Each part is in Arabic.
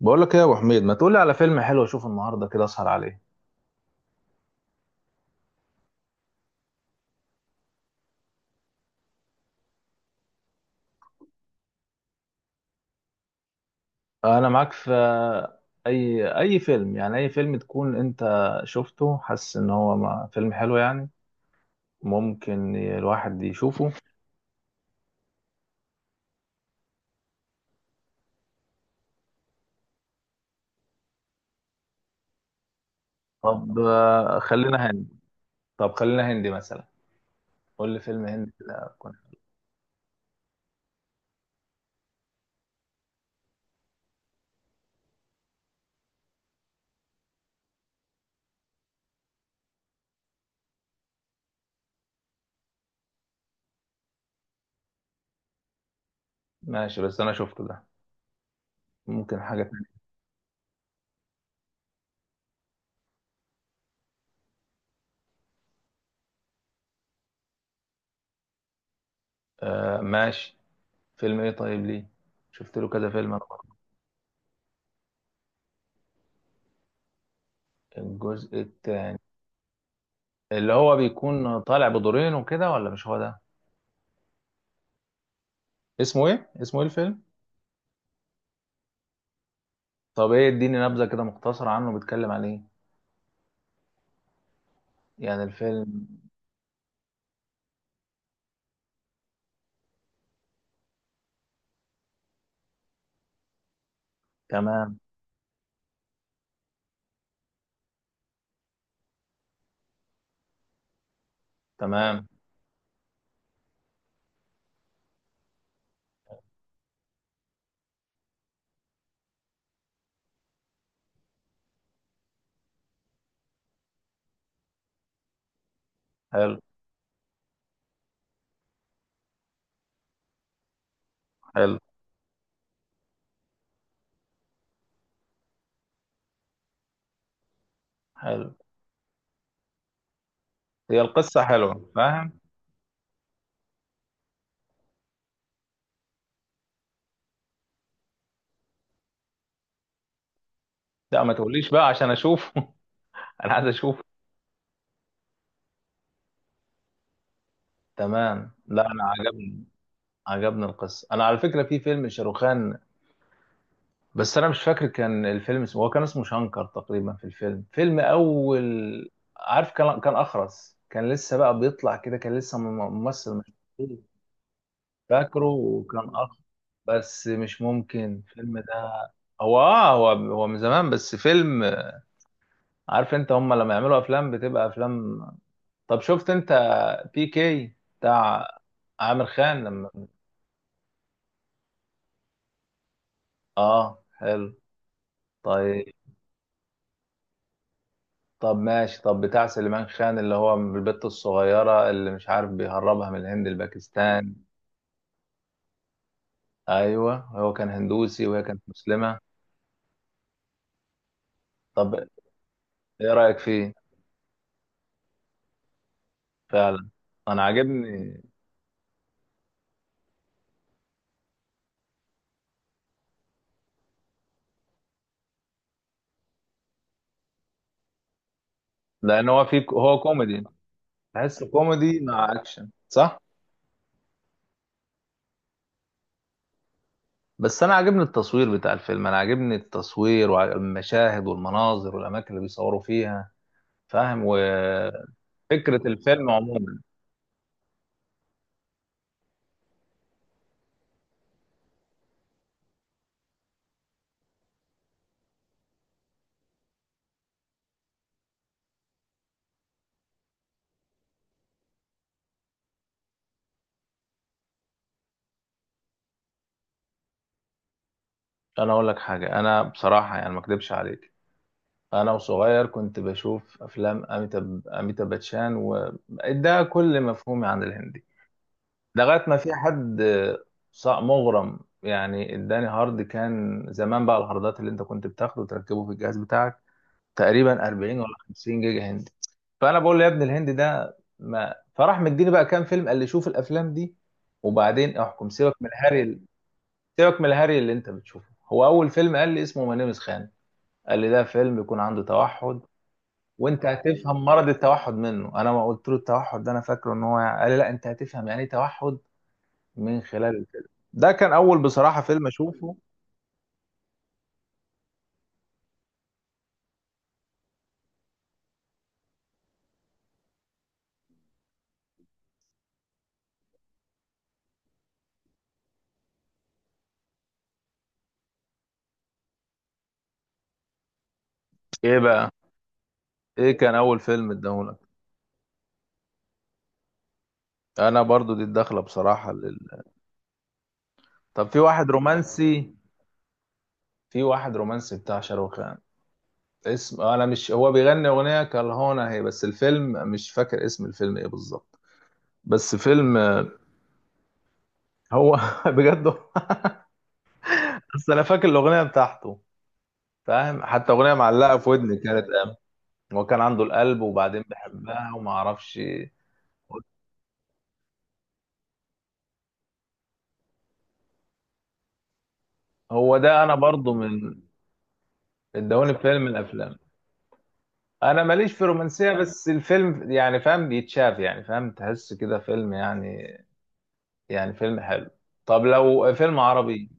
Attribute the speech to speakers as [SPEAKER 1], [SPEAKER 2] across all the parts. [SPEAKER 1] بقول لك ايه يا ابو حميد؟ ما تقولي على فيلم حلو اشوفه النهارده كده اسهر عليه. انا معاك في اي فيلم، يعني اي فيلم تكون انت شفته حاسس ان هو فيلم حلو يعني ممكن الواحد يشوفه. طب خلينا هندي. طب خلينا هندي مثلا، قول لي فيلم هندي، لا كنت. ماشي، بس انا شفته ده، ممكن حاجة تانية. آه ماشي، فيلم ايه طيب؟ ليه؟ شفت له كذا فيلم انا برضه. الجزء التاني؟ اللي هو بيكون طالع بدورين وكده ولا مش هو ده؟ اسمه ايه؟ اسمه ايه الفيلم؟ طب ايه، اديني نبذة كده مختصرة عنه، بيتكلم عن ايه يعني الفيلم؟ تمام. تمام. حلو. حلو. حلو، هي القصة حلوة، فاهم. لا ما تقوليش بقى عشان اشوفه انا عايز اشوفه. تمام، لا انا عجبني، عجبني القصة. انا على فكرة في فيلم شاروخان، بس انا مش فاكر كان الفيلم اسمه، هو كان اسمه شنكر تقريبا، في الفيلم، فيلم اول، عارف، كان اخرس، كان لسه بقى بيطلع كده، كان ممثل، مش فاكره؟ وكان اخ، بس مش ممكن الفيلم ده، هو هو من زمان، بس فيلم، عارف انت هم لما يعملوا افلام بتبقى افلام. طب شفت انت بي كي بتاع عامر خان لما؟ اه حلو. طيب، طب ماشي. طب بتاع سليمان خان اللي هو البت الصغيرة اللي مش عارف بيهربها من الهند لباكستان. ايوه، هو كان هندوسي وهي كانت مسلمة. طب ايه رأيك فيه؟ فعلا، انا عاجبني، لان هو فيه، هو كوميدي. تحس كوميدي مع اكشن، صح؟ بس انا عاجبني التصوير بتاع الفيلم، انا عاجبني التصوير والمشاهد والمناظر والاماكن اللي بيصوروا فيها، فاهم، وفكرة الفيلم عموما. انا اقول لك حاجة، انا بصراحة يعني ما اكدبش عليك، انا وصغير كنت بشوف افلام اميتاب باتشان، وده كل مفهومي عن الهندي، لغاية ما في حد مغرم يعني اداني هارد، كان زمان بقى الهاردات اللي انت كنت بتاخده وتركبه في الجهاز بتاعك، تقريبا 40 ولا 50 جيجا هندي. فانا بقول له يا ابن الهند ده، ما فراح، مديني بقى كام فيلم، قال لي شوف الافلام دي وبعدين احكم، سيبك من الهري. سيبك من الهري اللي انت بتشوفه، هو اول فيلم قال لي اسمه ملامس خان، قال لي ده فيلم بيكون عنده توحد وانت هتفهم مرض التوحد منه. انا ما قلت له التوحد ده، انا فاكره ان هو قال لي لا انت هتفهم يعني ايه توحد من خلال الفيلم. ده كان اول بصراحة فيلم اشوفه. ايه بقى، ايه كان اول فيلم اداهولك؟ انا برضو دي الدخلة بصراحة لل... طب في واحد رومانسي، في واحد رومانسي بتاع شاروخ خان، اسم انا مش، هو بيغني اغنيه كالهونا هي، بس الفيلم مش فاكر اسم الفيلم ايه بالظبط، بس فيلم هو بجد هو- بس انا فاكر الاغنيه بتاعته، فاهم، حتى اغنيه معلقه في ودني كانت هو كان عنده القلب وبعدين بحبها وما اعرفش إيه. هو ده انا برضو من ادوني فيلم من الافلام. انا ماليش في رومانسيه، بس الفيلم يعني فاهم بيتشاف، يعني فاهم تحس كده فيلم يعني، يعني فيلم حلو. طب لو فيلم عربي؟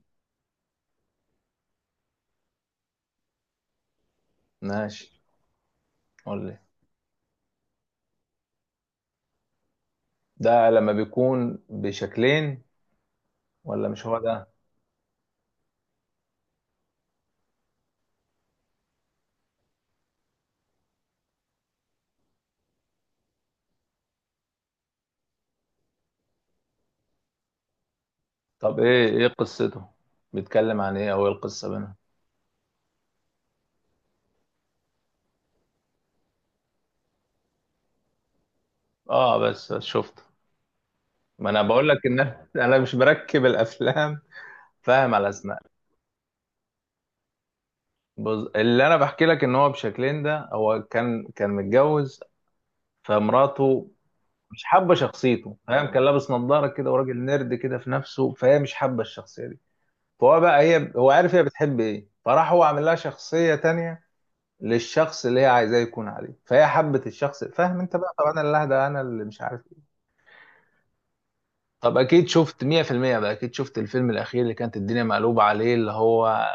[SPEAKER 1] ماشي، قول لي. ده لما بيكون بشكلين ولا مش هو ده؟ طب ايه، ايه قصته، بيتكلم عن ايه او ايه القصه بينهم؟ اه بس بس شفته. ما انا بقول لك ان انا أنا مش مركب الافلام، فاهم على اسماء. اللي انا بحكي لك ان هو بشكلين ده، هو كان متجوز، فمراته مش حابه شخصيته، فاهم، كان لابس نظاره كده وراجل نرد كده في نفسه، فهي مش حابه الشخصيه دي، فهو بقى هي، هو عارف هي بتحب ايه، فراح هو عامل لها شخصيه تانية للشخص اللي هي عايزاه يكون عليه، فهي حبت الشخص، فاهم انت بقى طبعا، انا اللي اهدى، انا اللي مش عارف ايه. طب اكيد شفت 100%. بقى اكيد شفت الفيلم الاخير اللي كانت الدنيا مقلوبه عليه، اللي هو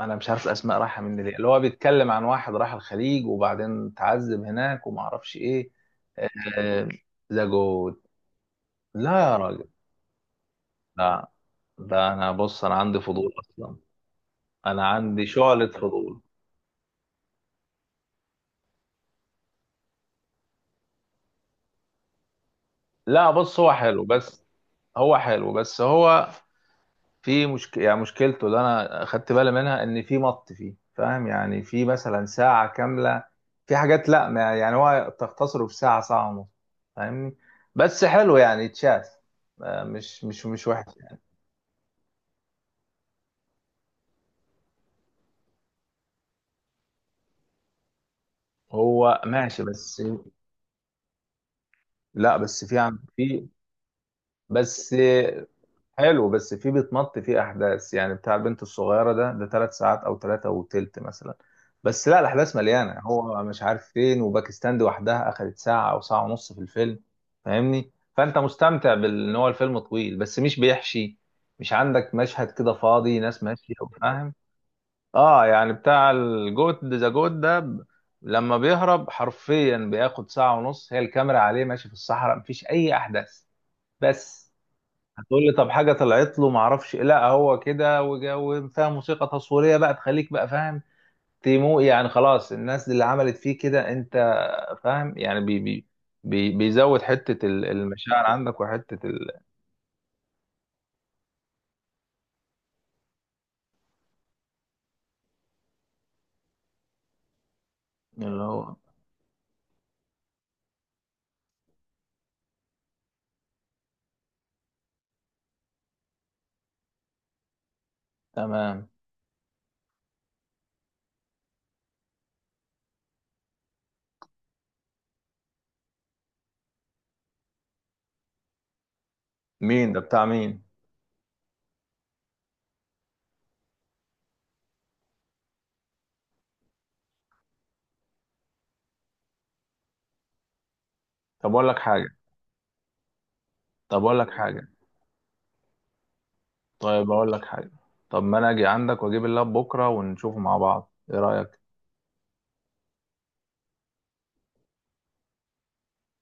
[SPEAKER 1] انا مش عارف الاسماء رايحه مني ليه، اللي هو بيتكلم عن واحد راح الخليج وبعدين اتعذب هناك وما اعرفش ايه، آه، ذا جود. لا يا راجل. لا، ده انا بص انا عندي فضول اصلا، انا عندي شعلة فضول. لا بص هو حلو، بس هو حلو، بس هو في مشكلة، يعني مشكلته اللي انا خدت بالي منها ان في مط فيه، فاهم يعني، في مثلا ساعة كاملة في حاجات، لا ما يعني هو تختصره في ساعة، ساعة ونص، فاهمني؟ بس حلو يعني اتشاف، مش وحش يعني. هو ماشي بس. لا بس في عم في. بس حلو، بس في بيتمط فيه احداث، يعني بتاع البنت الصغيره ده ثلاث ساعات او ثلاثه وتلت مثلا، بس لا الاحداث مليانه، هو مش عارف فين، وباكستان دي وحدها اخذت ساعه او ساعه ونص في الفيلم، فاهمني؟ فانت مستمتع بان هو الفيلم طويل بس مش بيحشي، مش عندك مشهد كده فاضي ناس ماشيه وفاهم اه يعني بتاع الجوت، ذا جوت ده لما بيهرب حرفيا بياخد ساعه ونص هي الكاميرا عليه ماشي في الصحراء مفيش اي احداث، بس، هتقول لي طب حاجه طلعت له، ما اعرفش، لا هو كده وفيها موسيقى تصويريه بقى تخليك بقى فاهم، تيمو يعني، خلاص الناس اللي عملت فيه كده انت فاهم يعني، بي بي بي بيزود حته المشاعر عندك وحته اللي هو. تمام. مين ده بتاع مين؟ طب اقول لك حاجه، طب اقول لك حاجه، طيب اقول لك حاجه، طب ما انا اجي عندك واجيب اللاب بكره ونشوفه مع بعض، ايه رايك؟